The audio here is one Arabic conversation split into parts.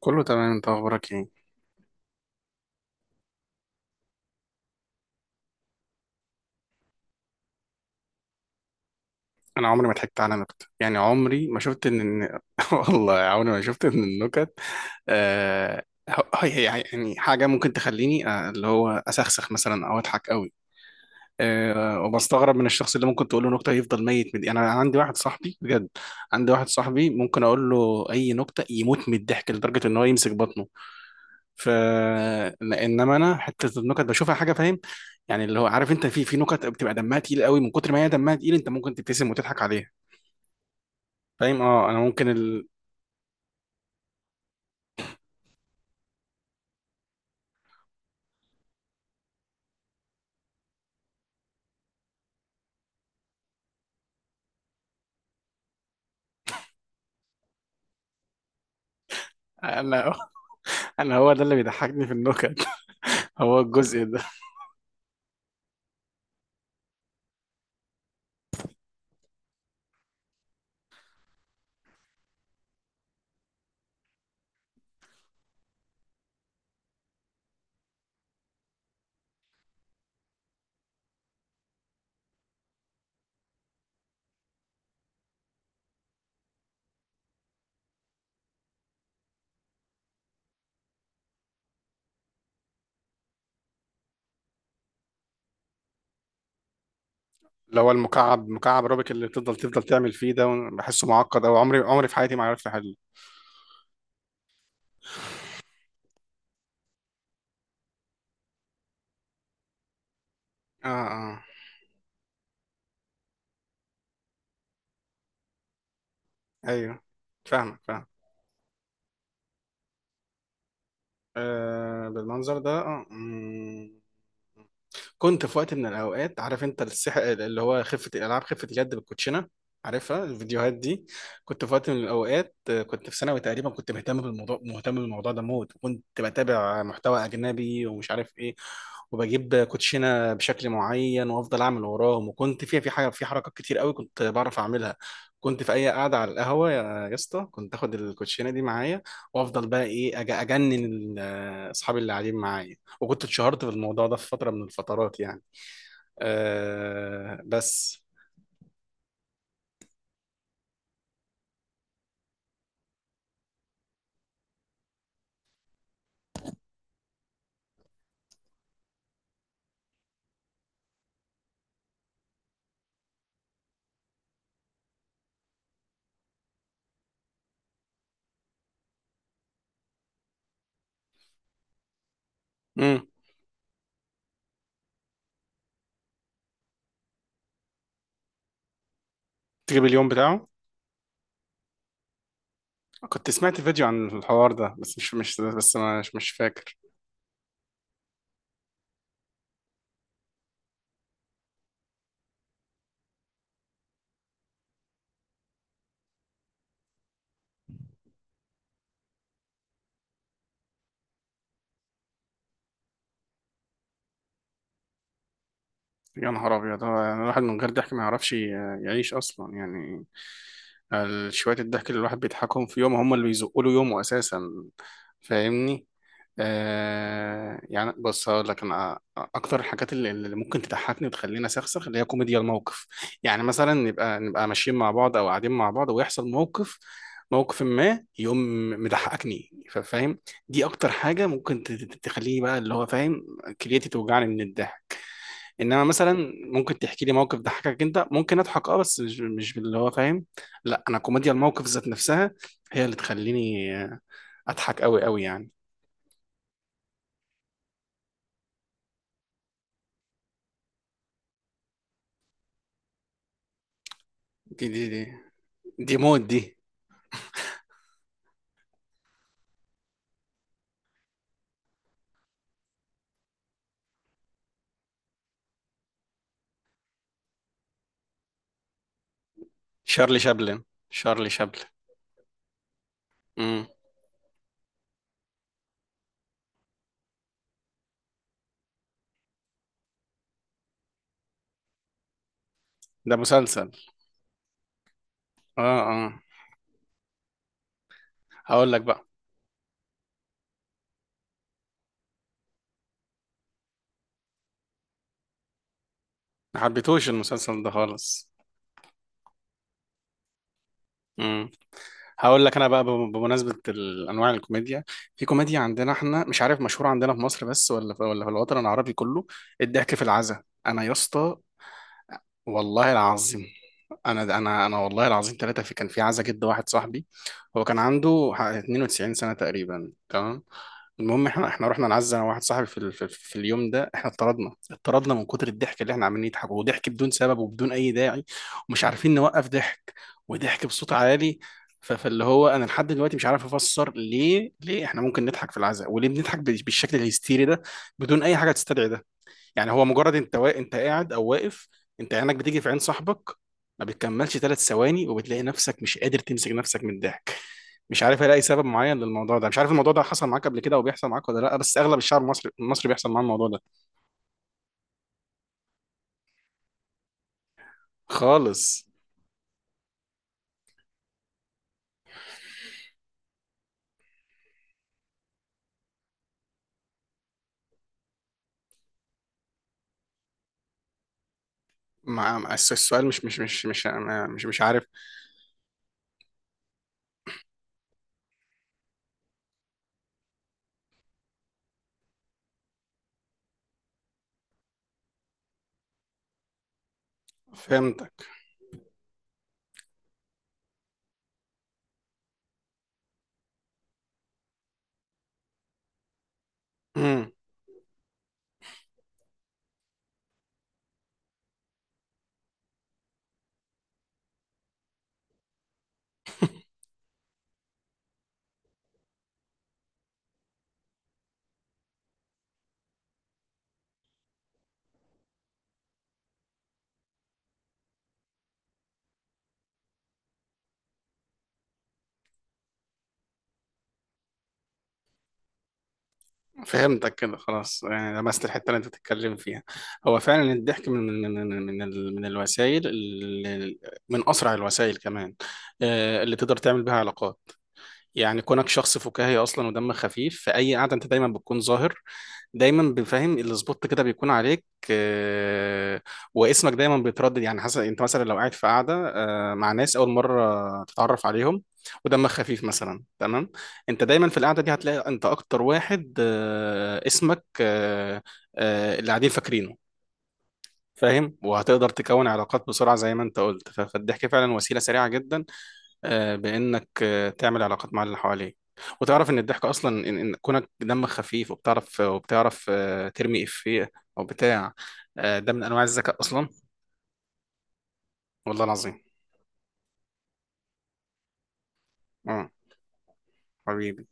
كله تمام، انت اخبارك ايه؟ انا عمري ما ضحكت على نكت، يعني عمري ما شفت ان ان- والله عمري ما شفت ان النكت. آه... يعني حاجه ممكن تخليني، اللي هو اسخسخ مثلا او اضحك قوي. وبستغرب من الشخص اللي ممكن تقول له نكته يفضل ميت من دي. انا عندي واحد صاحبي بجد. عندي واحد صاحبي ممكن اقول له اي نكته يموت من الضحك لدرجه ان هو يمسك بطنه. ف انما انا حته النكت بشوفها حاجه، فاهم؟ يعني اللي هو، عارف انت، في نكت بتبقى دمها تقيل قوي، من كتر ما هي دمها تقيل انت ممكن تبتسم وتضحك عليها، فاهم. اه، انا ممكن انا انا هو ده اللي بيضحكني في النكت، هو الجزء ده. اللي هو المكعب، مكعب رابك اللي بتفضل تعمل فيه ده، بحسه معقد، او عمري في حياتي ما عرفت احله. اه اه، ايوه، فاهمك، فاهم. آه، بالمنظر ده. اه، مم. كنت في وقت من الاوقات، عارف انت، اللي هو خفه الالعاب، خفه اليد بالكوتشينه، عارفها الفيديوهات دي؟ كنت في وقت من الاوقات، كنت في ثانوي تقريبا، كنت مهتم بالموضوع، مهتم بالموضوع ده موت، وكنت بتابع محتوى اجنبي ومش عارف ايه، وبجيب كوتشينه بشكل معين وافضل اعمل وراهم، وكنت فيها في حاجه، في حركات كتير قوي كنت بعرف اعملها. كنت في اي قاعده على القهوه، يا اسطى، كنت اخد الكوتشينه دي معايا، وافضل بقى ايه اجنن اصحابي اللي قاعدين معايا، وكنت اتشهرت في الموضوع ده في فترة من الفترات يعني. أه بس. امم. تجيب اليوم بتاعه. كنت سمعت فيديو عن الحوار ده، بس مش فاكر. يا نهار ابيض، هو يعني الواحد من غير ضحك ما يعرفش يعيش اصلا يعني. شوية الضحك اللي الواحد بيضحكهم في يوم، هم اللي بيزقوا له يومه اساسا، فاهمني؟ يعني بص، هقول لك، انا اكتر الحاجات اللي ممكن تضحكني وتخليني اسخسخ اللي هي كوميديا الموقف. يعني مثلا نبقى ماشيين مع بعض او قاعدين مع بعض ويحصل موقف، موقف ما يقوم مضحكني، فاهم؟ دي اكتر حاجه ممكن تخليني بقى، اللي هو فاهم، كليتي توجعني من الضحك. انما مثلا ممكن تحكي لي موقف ضحكك انت، ممكن اضحك، اه، بس مش اللي هو فاهم. لا، انا كوميديا الموقف ذات نفسها هي اللي تخليني اضحك قوي قوي يعني. دي دي دي دي موت دي. شارلي شابلن. شارلي شابلن. امم. ده مسلسل. اه اه. هقول لك بقى. ما حبيتهوش المسلسل ده خالص. امم. هقول لك انا بقى، بمناسبة انواع الكوميديا. في كوميديا عندنا احنا، مش عارف مشهورة عندنا في مصر بس ولا في الوطن العربي كله: الضحك في العزا. انا يا اسطى، والله العظيم، انا والله العظيم ثلاثه، كان في عزا جد واحد صاحبي، هو كان عنده 92 سنه تقريبا، تمام. المهم، احنا رحنا نعزى، انا واحد صاحبي، في اليوم ده احنا اتطردنا من كتر الضحك اللي احنا عمالين نضحك، وضحك بدون سبب وبدون اي داعي، ومش عارفين نوقف ضحك، وضحك بصوت عالي. فاللي هو، انا لحد دلوقتي مش عارف افسر ليه، احنا ممكن نضحك في العزاء، وليه بنضحك بالشكل الهستيري ده بدون اي حاجه تستدعي ده. يعني هو مجرد انت انت قاعد او واقف، انت عينك بتيجي في عين صاحبك، ما بتكملش 3 ثواني، وبتلاقي نفسك مش قادر تمسك نفسك من الضحك. مش عارف الاقي سبب معين للموضوع ده، مش عارف الموضوع ده حصل معاك قبل كده او بيحصل معاك ولا لا، بس اغلب الشعب المصري المصري بيحصل معاه الموضوع ده. خالص. مع السؤال، مش عارف. فهمتك فهمتك كده خلاص يعني، لمست الحته اللي انت بتتكلم فيها. هو فعلا الضحك من الوسائل، من اسرع الوسائل كمان، اللي تقدر تعمل بيها علاقات. يعني كونك شخص فكاهي اصلا ودمك خفيف، في اي قعده انت دايما بتكون ظاهر، دايما بفهم السبوت كده بيكون عليك، آه، واسمك دايما بيتردد، يعني حسب. انت مثلا لو قاعد في قاعده مع ناس اول مره تتعرف عليهم، ودمك خفيف مثلا، تمام، انت دايما في القعده دي هتلاقي انت اكتر واحد اسمك اللي قاعدين فاكرينه، فاهم. وهتقدر تكون علاقات بسرعه زي ما انت قلت، فالضحك فعلا وسيله سريعه جدا، بانك تعمل علاقات مع اللي حواليك، وتعرف ان الضحك اصلا، إن كونك دمك خفيف وبتعرف، ترمي افيه او بتاع، ده من انواع الذكاء اصلا. والله العظيم. اه. حبيبي.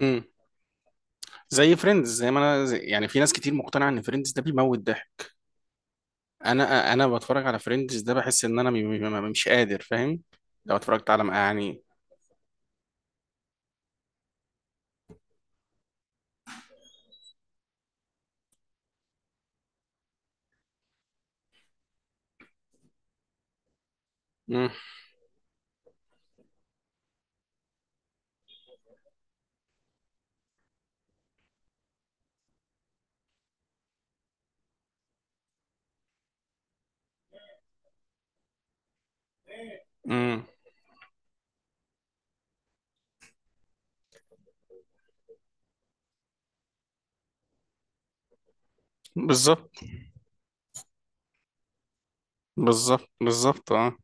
امم. زي فريندز. زي ما انا زي، يعني، في ناس كتير مقتنعه ان فريندز ده بيموت ضحك. انا بتفرج على فريندز ده، بحس ان انا مش قادر، فاهم، لو اتفرجت على، يعني. امم. امم. بالظبط. بالظبط، بالظبط، اه.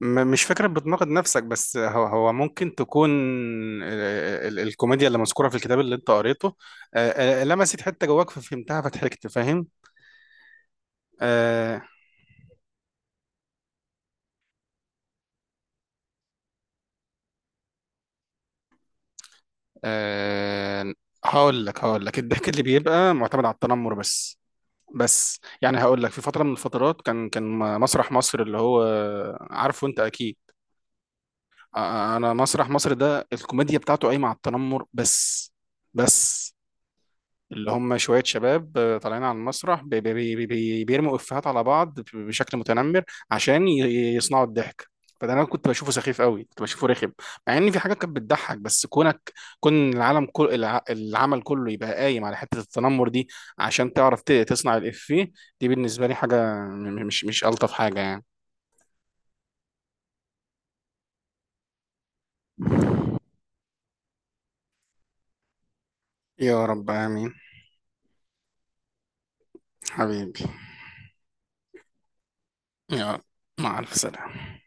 مش فكرة بتناقض نفسك، بس هو ممكن تكون الكوميديا اللي مذكورة في الكتاب اللي انت قريته، لمست حتة جواك، ففهمتها، فضحكت، فاهم. آه، آه، هقول لك الضحك اللي بيبقى معتمد على التنمر بس، بس يعني. هقول لك، في فترة من الفترات كان مسرح مصر، اللي هو عارفه انت اكيد. انا مسرح مصر ده الكوميديا بتاعته قايمة على التنمر بس، بس. اللي هم شوية شباب طالعين على المسرح بي بي بي بي بيرموا إفيهات على بعض بشكل متنمر عشان يصنعوا الضحك. فده انا كنت بشوفه سخيف قوي، كنت بشوفه رخم، مع ان في حاجات كانت بتضحك، بس كونك، كون العالم، كل العمل كله يبقى قايم على حتة التنمر دي عشان تعرف تصنع الإفيه، دي بالنسبة لي حاجة مش ألطف حاجة يعني. يا رب آمين. حبيبي. يا رب. مع ألف سلامة.